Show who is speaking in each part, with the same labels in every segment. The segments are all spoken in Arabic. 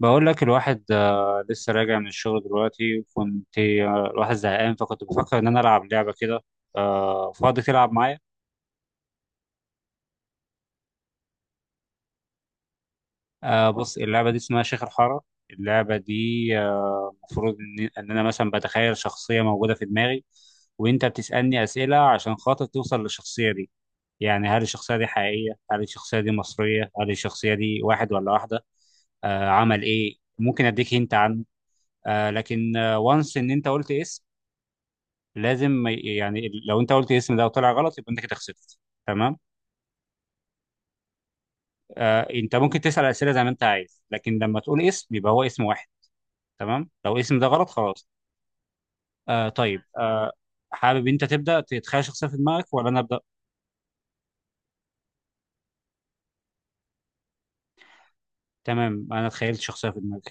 Speaker 1: بقول لك الواحد، لسه راجع من الشغل دلوقتي. وكنت، الواحد زهقان، فكنت بفكر ان انا العب لعبه كده. فاضي تلعب معايا؟ بص، اللعبه دي اسمها شيخ الحاره. اللعبه دي، المفروض إن انا مثلا بتخيل شخصيه موجوده في دماغي، وانت بتسالني اسئله عشان خاطر توصل للشخصيه دي. يعني هل الشخصيه دي حقيقيه، هل الشخصيه دي مصريه، هل الشخصيه دي واحد ولا واحده، عمل ايه. ممكن اديك هنت عنه، لكن وانس ان انت قلت اسم، لازم ما يعني لو انت قلت الاسم ده وطلع غلط يبقى انت كده خسرت. تمام؟ انت ممكن تسال اسئله زي ما انت عايز، لكن لما تقول اسم يبقى هو اسم واحد. تمام؟ لو الاسم ده غلط خلاص. طيب. حابب انت تبدا تتخيل شخصيه في دماغك، ولا انا ابدا؟ تمام، انا تخيلت شخصيه في دماغي.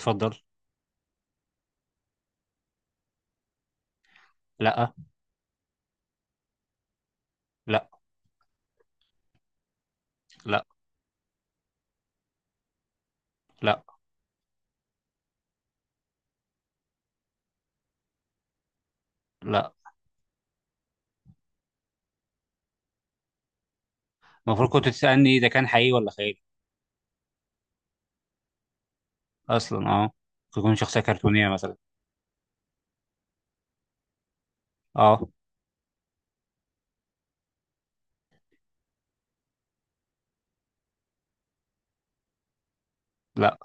Speaker 1: اتفضل. لا، لا، لا، لا، لا. المفروض كنت تسالني ده كان حقيقي ولا خيالي. اصلا، اه. تكون شخصيه كرتونيه مثلا. اه. لا،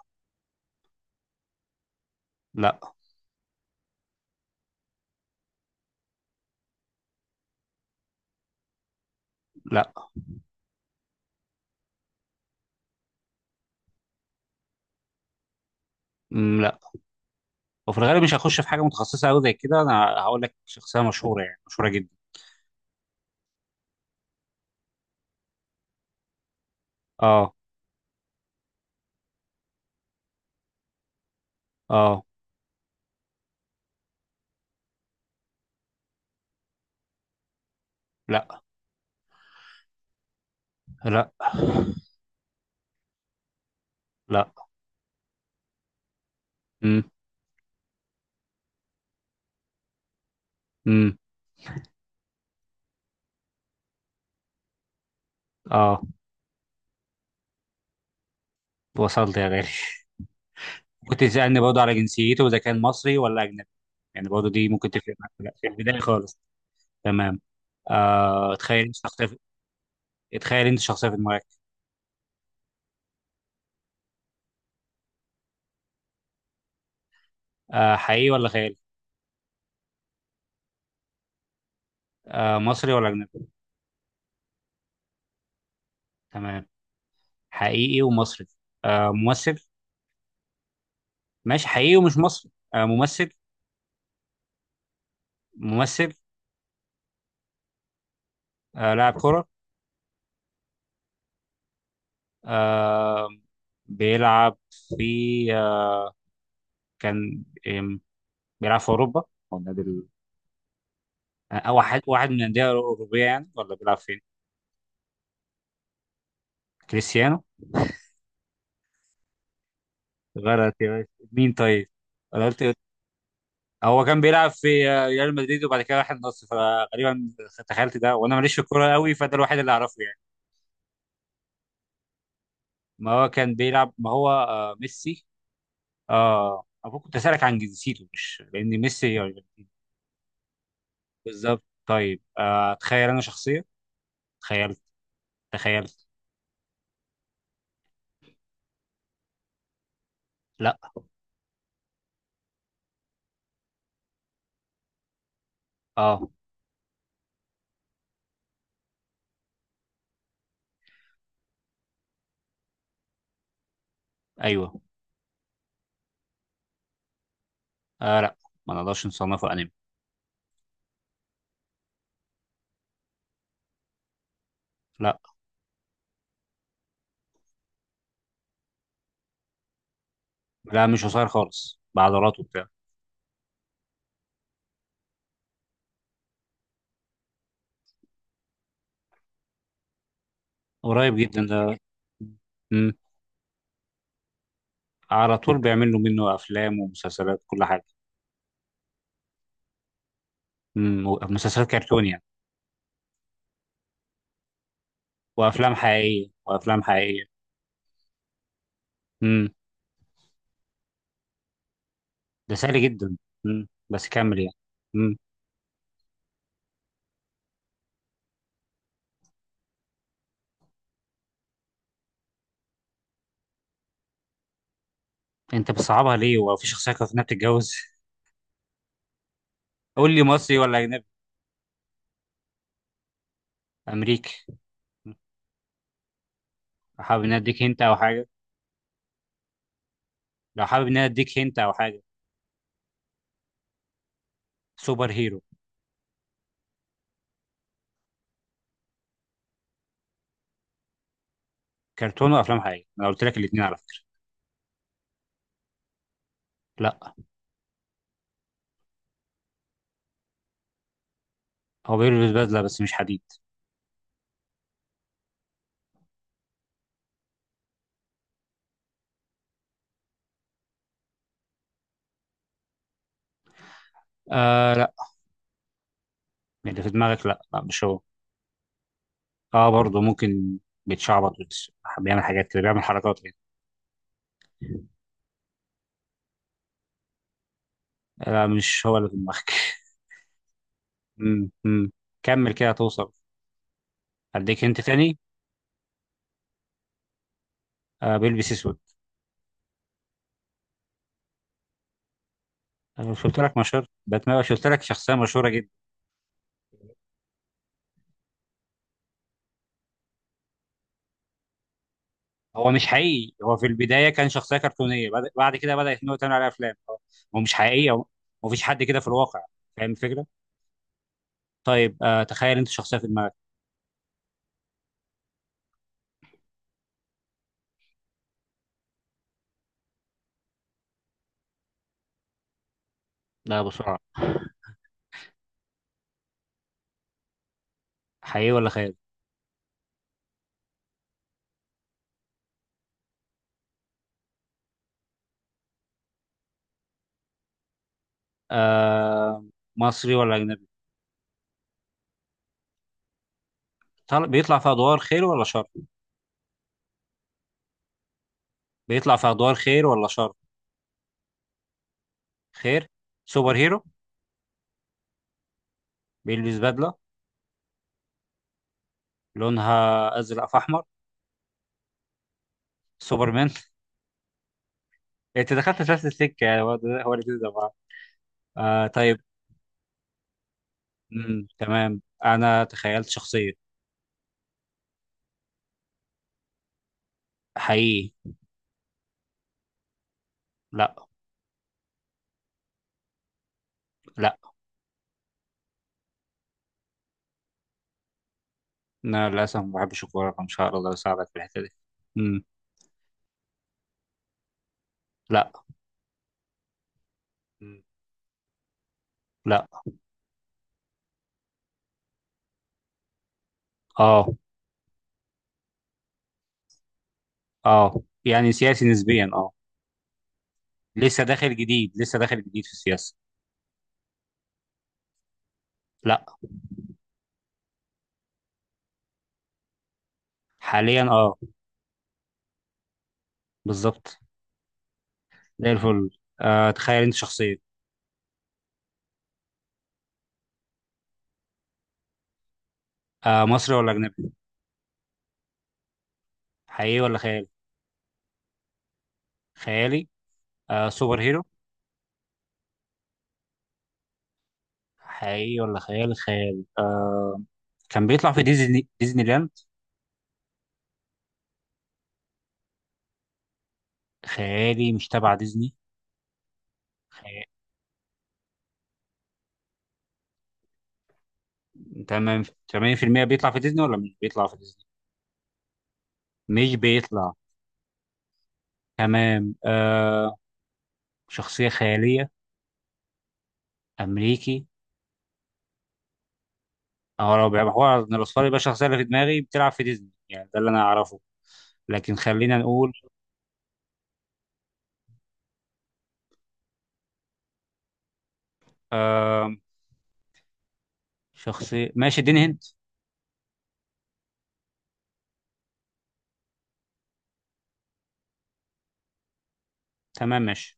Speaker 1: لا، لا. مم، لا. وفي الغالب مش هخش في حاجه متخصصه قوي زي كده، انا هقول لك شخصيه مشهوره، يعني مشهوره جدا. اه. اه. لا، لا، لا. امم. امم. اه، وصلت يا غالي. كنت تسالني برضه على جنسيته اذا كان مصري ولا اجنبي. يعني برضه دي ممكن تفرق معاك ولا لا في البدايه خالص. تمام. تخيل انت شخصيه تخيل انت شخصيه في دماغك. حقيقي ولا خيالي؟ مصري ولا اجنبي؟ تمام، حقيقي ومصري. ممثل؟ ماشي، حقيقي ومش مصري. ممثل؟ ممثل؟ لاعب كره؟ آه بيلعب في آه كان آم، بيلعب في أوروبا، أو النادي ال- أو واحد من الأندية الأوروبية يعني، ولا بيلعب فين؟ كريستيانو. غلط يا باشا، مين طيب؟ أنا قلت إيه؟ هو كان بيلعب في، ريال مدريد، وبعد كده راح النصر، فغالبا تخيلت ده وأنا ماليش في الكورة قوي، فده الوحيد اللي أعرفه يعني. ما هو، ميسي. أبوك كنت أسألك عن جنسيته مش لأن ميسي يعني. بالظبط. طيب، تخيل أنا شخصية. تخيلت. تخيلت. لا. اه. ايوه. آه، لا. ما نقدرش نصنفه انمي. لا، لا، مش قصير خالص، بعضلاته وبتاع. قريب جدا ده. مم. على طول بيعملوا منه افلام ومسلسلات، كل حاجه. مم. مسلسلات كرتون يعني. وافلام حقيقيه، وافلام حقيقيه. مم. ده سهل جدا. مم، بس كمل يعني. مم. انت بتصعبها ليه، هو في شخصيه كانت إنها بتتجوز؟ قول لي مصري ولا اجنبي. امريكي. مم. حابب ان أنا اديك هنت او حاجه. لو حابب ان أنا اديك هنت او حاجه. سوبر هيرو. كرتون وافلام حقيقيه، انا قلت لك الاثنين على فكره. لا، هو بيلبس بدلة بس مش حديد. آه، لا. اللي في دماغك لا، لا، مش هو. اه، برضه ممكن. بيتشعبط بس. بيعمل حاجات كده، بيعمل حركات يعني. لا، مش هو اللي في دماغك. مم، مم. كمل كده توصل. اديك انت تاني. بيلبس اسود. انا مش قلت لك مشهور باتمان؟ مش قلت لك شخصيه مشهوره جدا؟ هو مش حقيقي. هو في البدايه كان شخصيه كرتونيه، بعد كده بدات ان هو تعمل عليها افلام. هو، هو مش حقيقي. هو مفيش حد كده في الواقع. فاهم الفكره. طيب، تخيل انت شخصيه في دماغك. لا، بسرعه. حقيقي ولا خيال؟ آه مصري ولا أجنبي؟ بيطلع في أدوار خير ولا شر؟ بيطلع في أدوار خير ولا شر؟ خير. سوبر هيرو. بيلبس بدلة. لونها أزرق في أحمر. سوبرمان. أنت دخلت في نفس السكة يعني. هو ده، هو الاتنين ده بعض. طيب. مم. تمام، أنا تخيلت شخصية. حقيقي. لا. لا، أنا للأسف ما بحبش الكورة، فمش هقدر أساعدك في الحتة دي. مم. لا. مم. لا. اه. اه، يعني سياسي نسبيا، اه. لسه داخل جديد في السياسة. لا. حاليا، اه. بالظبط. زي الفل. تخيل انت شخصية. مصري ولا أجنبي؟ حقيقي ولا خيالي؟ خيالي. سوبر هيرو؟ حقيقي ولا خيالي؟ خيالي. كان بيطلع في ديزني لاند؟ خيالي مش تبع ديزني؟ خيالي. تمام، 80% بيطلع في ديزني ولا مش بيطلع في ديزني؟ مش بيطلع. تمام. شخصية خيالية. أمريكي. اه، لو بيبقى هو من الأصفار، يبقى الشخصية اللي في دماغي بتلعب في ديزني، يعني ده اللي أنا أعرفه. لكن خلينا نقول. شخصية؟ ماشي، اديني هنت. تمام، ماشي.